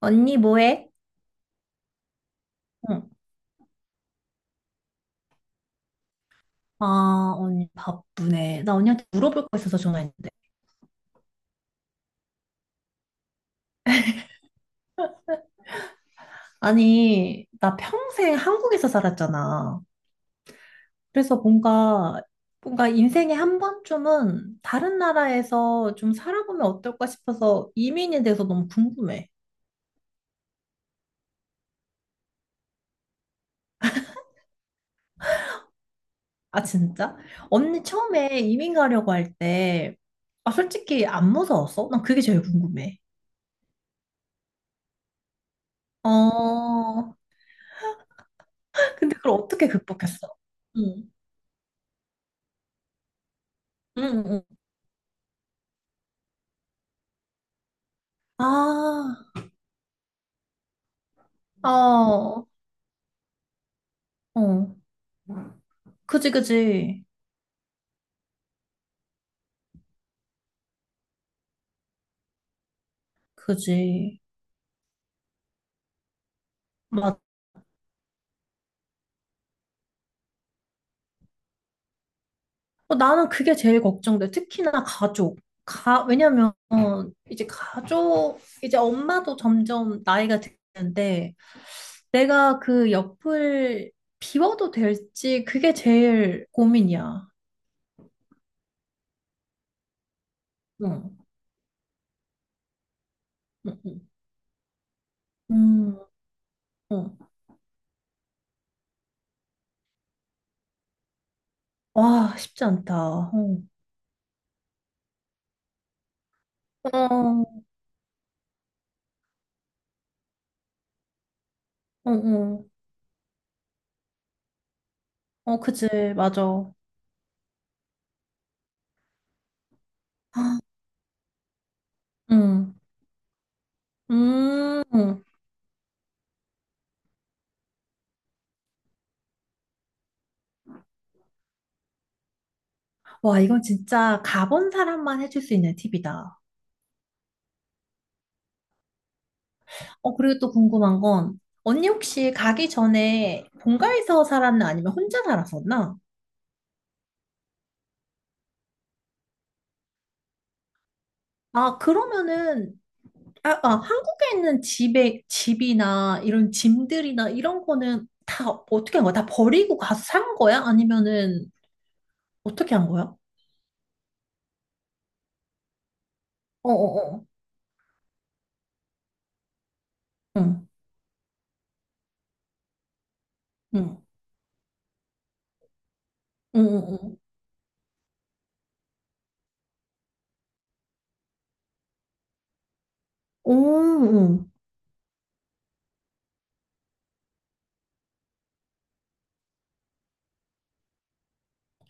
언니 뭐해? 응. 아, 언니 바쁘네. 나 언니한테 물어볼 거 있어서 전화했는데. 아니, 나 평생 한국에서 살았잖아. 그래서 뭔가, 뭔가 인생에 한 번쯤은 다른 나라에서 좀 살아보면 어떨까 싶어서 이민에 대해서 너무 궁금해. 아, 진짜? 언니 처음에 이민 가려고 할 때, 아, 솔직히 안 무서웠어? 난 그게 제일 궁금해. 어, 근데 그걸 어떻게 극복했어? 응. 응, 응. 아, 어, 어. 그지, 그지. 그지. 맞. 어, 나는 그게 제일 걱정돼. 특히나 가족. 가, 왜냐면, 어, 이제 가족, 이제 엄마도 점점 나이가 드는데, 내가 그 옆을 비워도 될지, 그게 제일 고민이야. 응, 응, 응. 어. 와, 쉽지 않다. 어, 어, 어, 어, 어, 그지, 맞아. 아, 응, 음. 와, 이건 진짜 가본 사람만 해줄 수 있는 팁이다. 어, 그리고 또 궁금한 건, 언니 혹시 가기 전에 본가에서 살았나 아니면 혼자 살았었나? 아, 그러면은, 아, 아, 한국에 있는 집에, 집이나 이런 짐들이나 이런 거는 다 어떻게 한 거야? 다 버리고 가서 산 거야? 아니면은 어떻게 한 거야? 어어어. 응, 응, 응, 응, 응. 오, 응.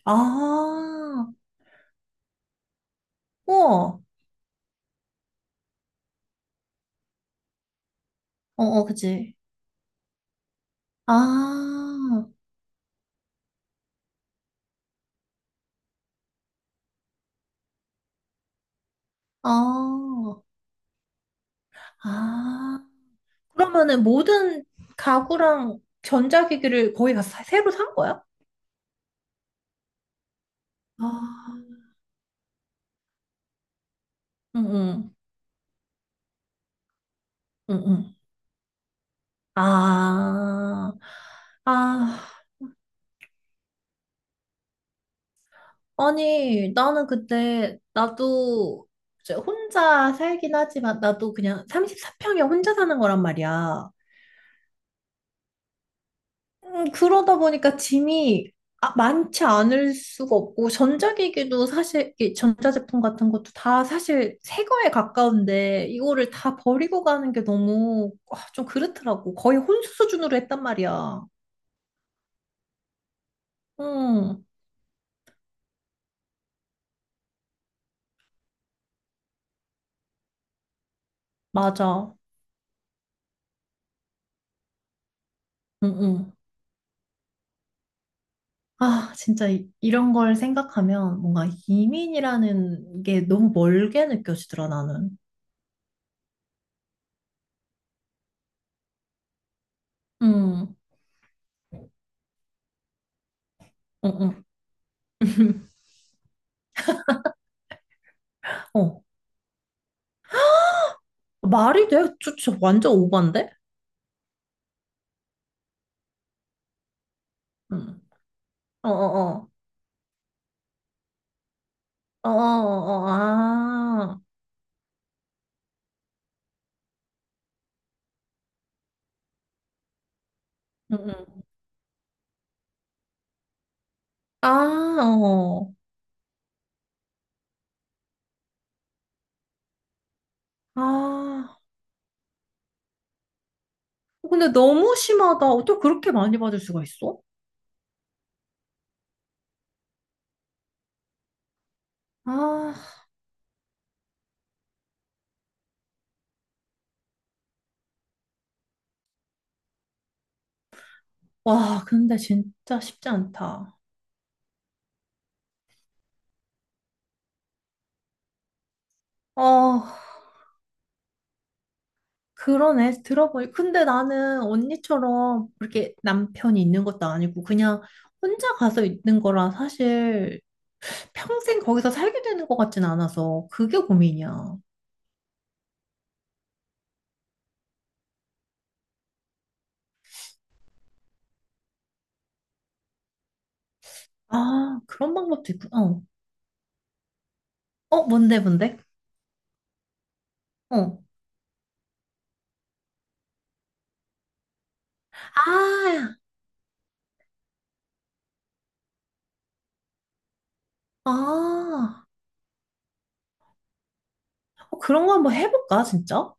아, 우와. 어어, 그치. 아. 아, 아. 그러면은 모든 가구랑 전자기기를 거의 다 새로 산 거야? 아, 응, 응, 응, 응. 아, 아, 아니, 나는 그때, 나도 이제 혼자 살긴 하지만, 나도 그냥 34평에 혼자 사는 거란 말이야. 그러다 보니까 짐이 많지 않을 수가 없고, 전자기기도 사실, 이 전자제품 같은 것도 다 사실 새 거에 가까운데, 이거를 다 버리고 가는 게 너무 아, 좀 그렇더라고. 거의 혼수 수준으로 했단 말이야. 응, 맞아. 응, 응. 아, 진짜 이, 이런 걸 생각하면 뭔가 이민이라는 게 너무 멀게 느껴지더라, 나는. 응, 응, 응. 어, 말이 돼? 저, 저 완전 오반데? 응. 어어어. 어어어. 아. 응응. 아, 어. 아. 어, 근데 너무 심하다. 어떻게 그렇게 많이 받을 수가 있어? 아. 와, 근데 진짜 쉽지 않다. 어. 그러네. 들어보니. 근데 나는 언니처럼 그렇게 남편이 있는 것도 아니고 그냥 혼자 가서 있는 거라 사실 평생 거기서 살게 되는 것 같진 않아서 그게 고민이야. 아, 그런 방법도 있구나. 어. 어, 뭔데, 뭔데? 어. 아, 아, 어, 그런 거 한번 해볼까, 진짜?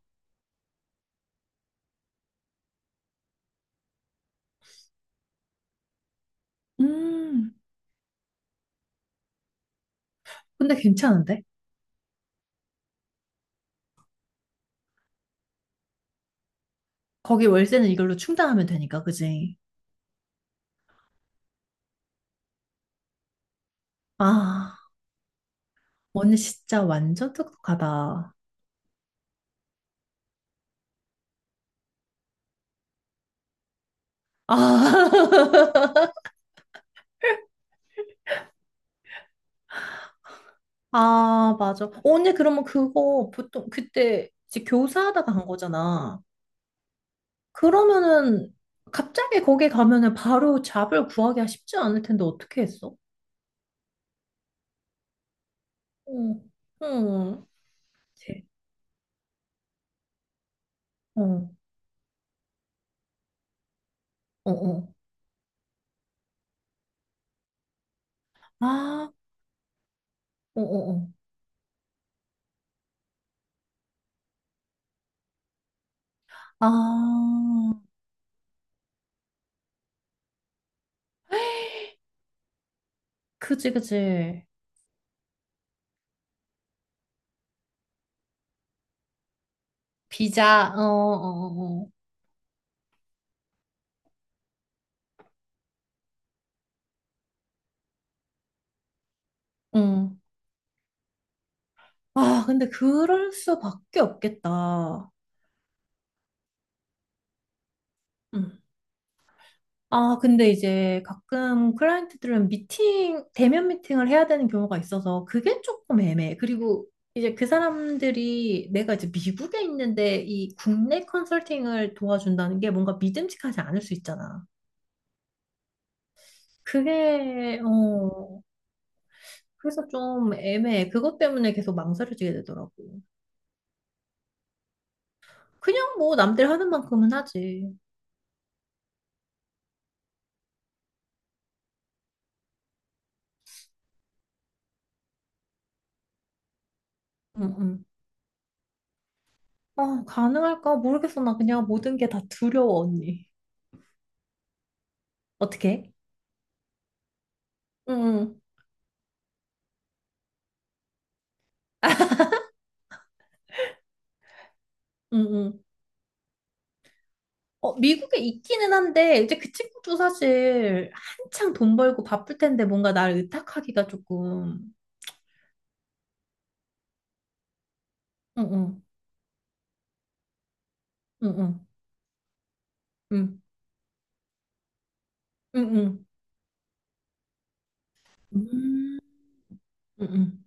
음, 근데 괜찮은데? 거기 월세는 이걸로 충당하면 되니까, 그지? 아, 언니 진짜 완전 똑똑하다. 아, 아, 맞아. 언니 그러면 그거 보통 그때 이제 교사하다가 간 거잖아. 그러면은 갑자기 거기 가면은 바로 잡을 구하기가 쉽지 않을 텐데 어떻게 했어? 어, 어, 제- 어, 어, 어. 아, 어, 어, 어. 아, 그지, 그지. 비자, 어, 어, 어. 어. 응. 아, 근데 그럴 수밖에 없겠다. 응. 아, 근데 이제 가끔 클라이언트들은 미팅, 대면 미팅을 해야 되는 경우가 있어서 그게 조금 애매해. 그리고 이제 그 사람들이 내가 이제 미국에 있는데 이 국내 컨설팅을 도와준다는 게 뭔가 믿음직하지 않을 수 있잖아. 그게, 어, 그래서 좀 애매해. 그것 때문에 계속 망설여지게 되더라고. 그냥 뭐 남들 하는 만큼은 하지. 응, 응. 아, 가능할까? 모르겠어. 나 그냥 모든 게 다 두려워, 언니. 어떻게? 응, 응, 응. 응. 어, 미국에 있기는 한데, 이제 그 친구도 사실 한창 돈 벌고 바쁠 텐데 뭔가 나를 의탁하기가 조금. 응, 응, 응, 응, 응, 응, 응, 음, 응, 응,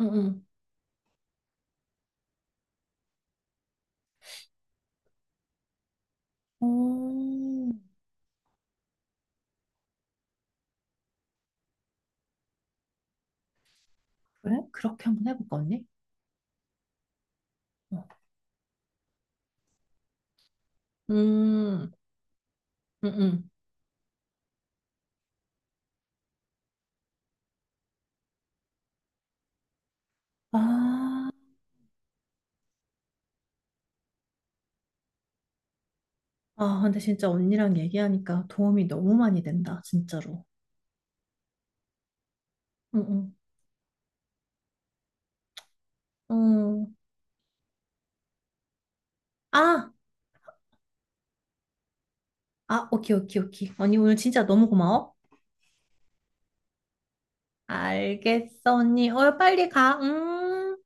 응. 응. 어, 그래? 그렇게 한번 해볼까, 언니? 어. 음, 응, 응. 아. 아, 근데 진짜 언니랑 얘기하니까 도움이 너무 많이 된다, 진짜로. 응, 응. 응 아, 아, 오케이, 오케이, 오케이. 언니 오늘 진짜 너무 고마워. 알겠어, 언니. 어, 빨리 가. 음.